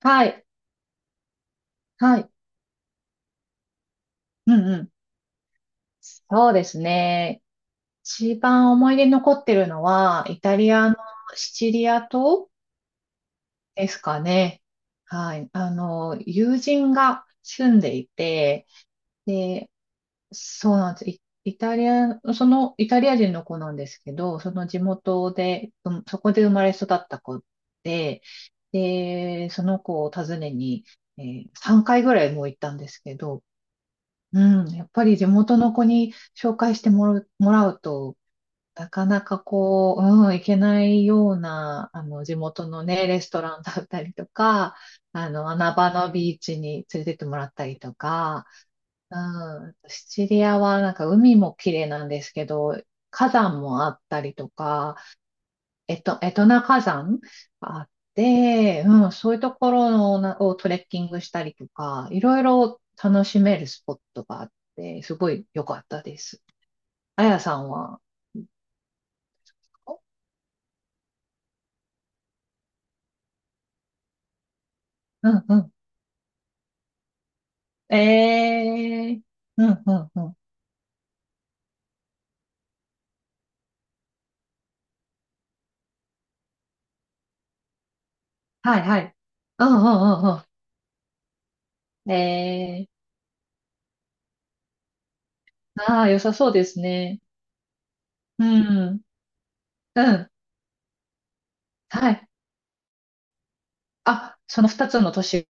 はい。はい。うんうん。そうですね。一番思い出に残ってるのは、イタリアのシチリア島ですかね。はい。友人が住んでいて、で、そうなんです。イイタリア、そのイタリア人の子なんですけど、その地元で、うんそこで生まれ育った子で、で、その子を訪ねに、え3回ぐらいもう行ったんですけど、うん、やっぱり地元の子に紹介してもらうと、なかなかこう、うん、行けないような、地元のね、レストランだったりとか、穴場のビーチに連れてってもらったりとか、うん、シチリアはなんか海も綺麗なんですけど、火山もあったりとか、エトナ火山があって、うん、そういうところのなをトレッキングしたりとか、いろいろ楽しめるスポットがあって、すごい良かったです。あやさんは。うんうん。えー、うんうんうん。はいはい。うんうんうんうん。えー、ああ、良さそうですね。うん、うん、はい。あ、その二つの都市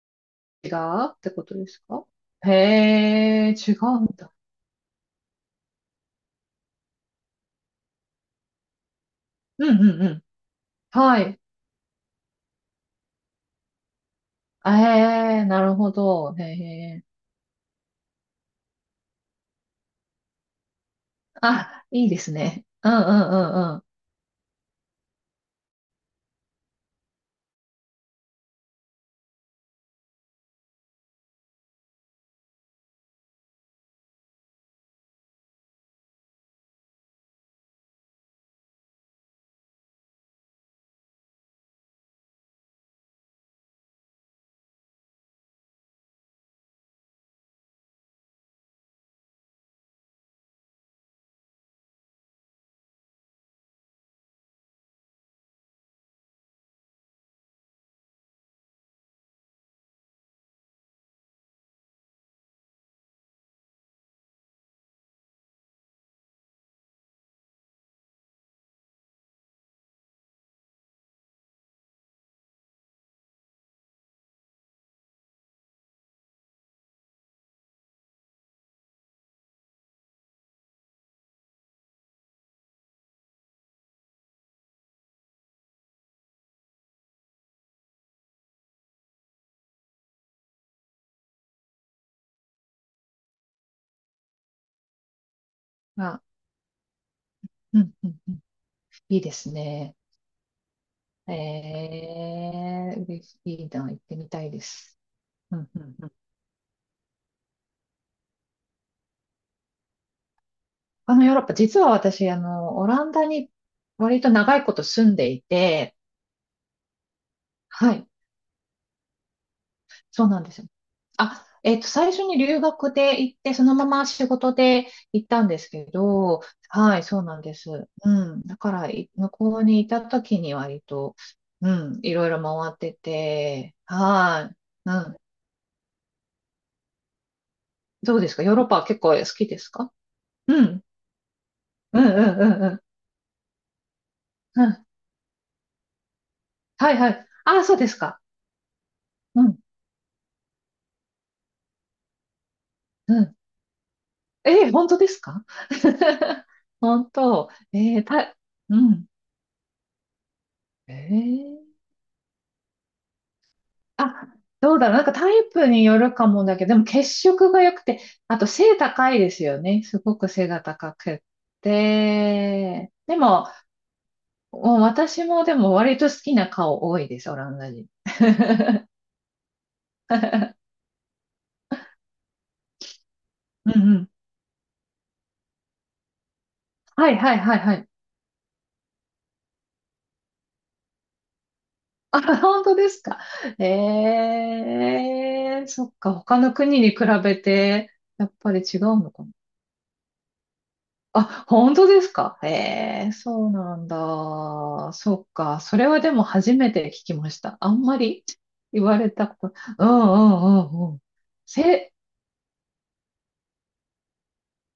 がってことですか。へえ、違うんだ。うんうんうん。はい。ええ、なるほど。へえ。あ、いいですね。うんうんうんうん。あ、うんうんうん。いいですね。ええ、嬉しいな。行ってみたいです。うんうんうん。ヨーロッパ、実は私、オランダに割と長いこと住んでいて、はい。そうなんですよ。あ、最初に留学で行って、そのまま仕事で行ったんですけど、はい、そうなんです。うん。だから、向こうにいた時に割と、うん、いろいろ回ってて、はい。うん。どうですか、ヨーロッパは結構好きですか。うん。うんうんうんうん。うん。はいはい。あ、そうですか。うん。うん。えー、本当ですか。 本当。えーた、うん。えー、あ、どうだろう。なんかタイプによるかもだけど、でも血色が良くて、あと背高いですよね。すごく背が高くって。でも、もう私もでも割と好きな顔多いです、オランダ人。うんうん。はいはいはいはい。あ、本当ですか。ええ、そっか、他の国に比べて、やっぱり違うのかな。あ、本当ですか。ええ、そうなんだ。そっか。それはでも初めて聞きました。あんまり言われたこと。うんうんうんうん。せ、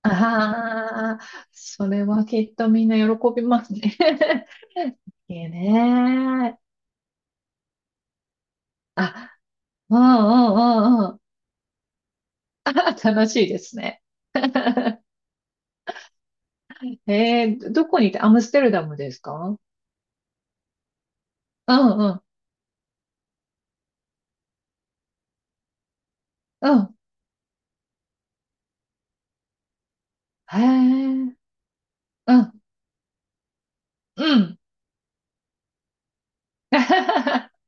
ああ、それはきっとみんな喜びますね。いいね。あ、うんうんうんうん。あ、楽しいですね。ええ、どこにいて、アムステルダムですか。うんうんうん。へえ、うん、うん。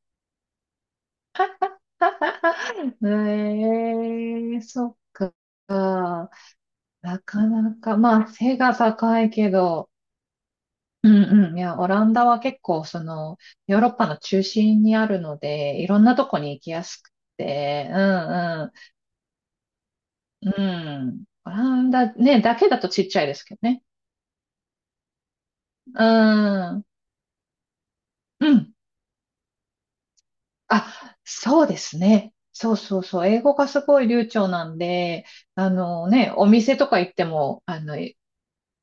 ええ、そっか。なかなか、まあ、背が高いけど、うんうん。いや、オランダは結構、その、ヨーロッパの中心にあるので、いろんなとこに行きやすくて、うんうん。うん。オランダね、だけだとちっちゃいですけどね。うん。うん。あ、そうですね。そうそうそう。英語がすごい流暢なんで、あのね、お店とか行っても、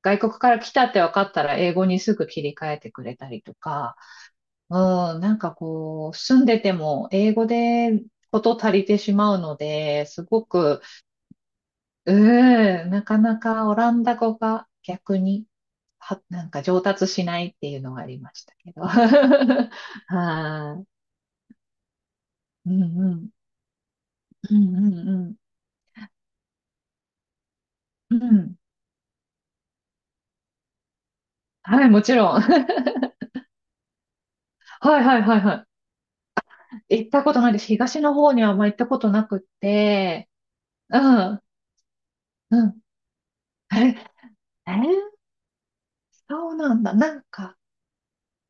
外国から来たって分かったら英語にすぐ切り替えてくれたりとか、うん、なんかこう、住んでても英語でこと足りてしまうので、すごく、うん、なかなかオランダ語が逆に、なんか上達しないっていうのがありましたけど。はい。うんうん。うんうんうん。うん。はい、もちろん。はいはいはいはい。行ったことないです。東の方にはあんま行ったことなくって、うん、うん。え、えー、そうなんだ。なんか、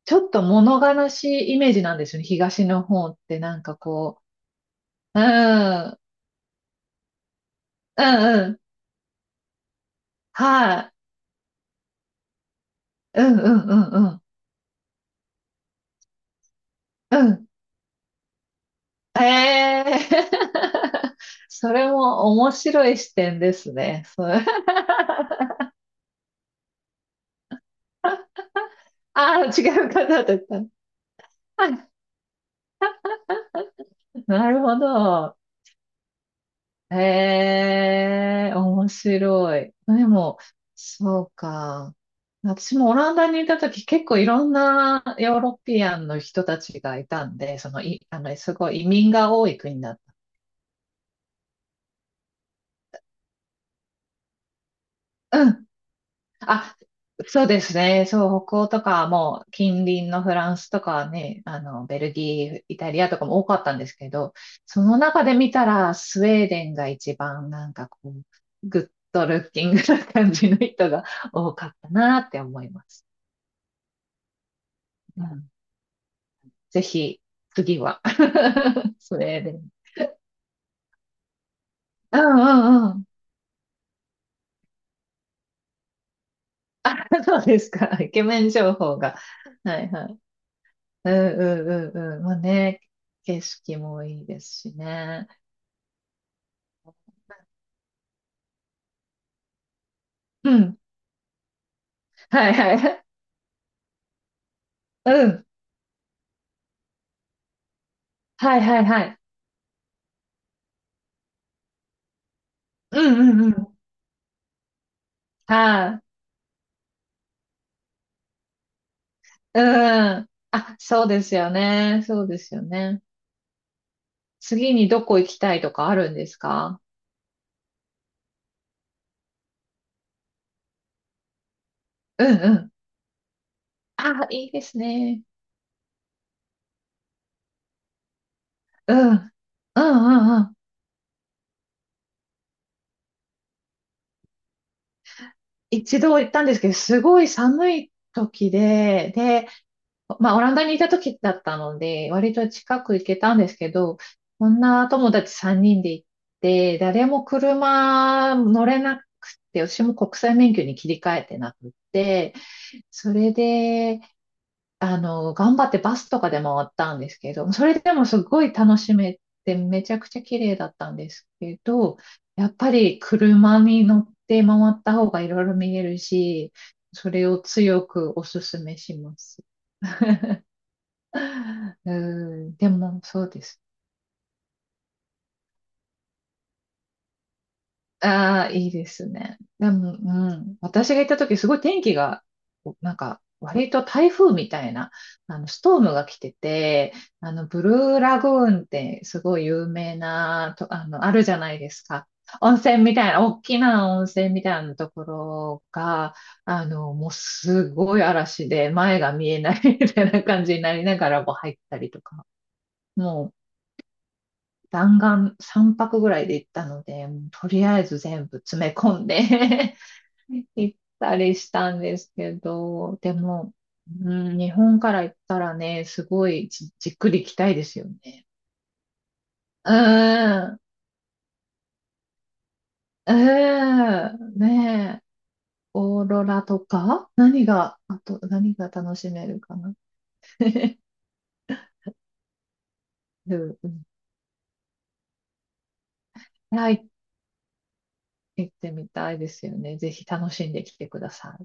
ちょっと物悲しいイメージなんですよね。東の方ってなんかこう、うん、うん、うん、はい、うん、うん、うん、うん、うん。ええー、それも面白い視点ですね。それ、ああー、違う方だった。あ、なるほど。へえ、面白い。でも、そうか。私もオランダにいた時結構いろんなヨーロピアンの人たちがいたんで、そのい、あの、すごい移民が多い国だった。あ、そうですね。そう、北欧とかもう近隣のフランスとかね、ベルギー、イタリアとかも多かったんですけど、その中で見たらスウェーデンが一番なんかこう、グッドルッキングな感じの人が多かったなって思います。うん、ぜひ、次は。スウェーデン。うんうんうん。そうですか。イケメン情報が。はいはい。うんうんうんうん。まあね、景色もいいですしね。うん。はいはい。うん。はいはいはい。うんうんうん。はい。うん。あ、そうですよね。そうですよね。次にどこ行きたいとかあるんですか。うんうん。あ、いいですね。うん。うんうんうん。一度行ったんですけど、すごい寒い時で、で、まあ、オランダにいた時だったので、割と近く行けたんですけど、女友達3人で行って、誰も車乗れなくて、私も国際免許に切り替えてなくて、それで、頑張ってバスとかで回ったんですけど、それでもすごい楽しめて、めちゃくちゃ綺麗だったんですけど、やっぱり車に乗って回った方がいろいろ見えるし、それを強くお勧めします。うん、でもそうです。ああ、いいですね。でも、うん、私が行った時、すごい天気が、なんか、割と台風みたいな、ストームが来てて、ブルーラグーンってすごい有名な、と、あの、あるじゃないですか。温泉みたいな、大きな温泉みたいなところが、もうすごい嵐で前が見えない みたいな感じになりながらも入ったりとか。もう弾丸3泊ぐらいで行ったので、もうとりあえず全部詰め込んで 行ったりしたんですけど、でも、うん、日本から行ったらね、すごいじっくり行きたいですよね。うーん、うーん、ねえ、オーロラとか何が、あと何が楽しめるかな。うん、うん、はい、行ってみたいですよね。ぜひ楽しんできてください。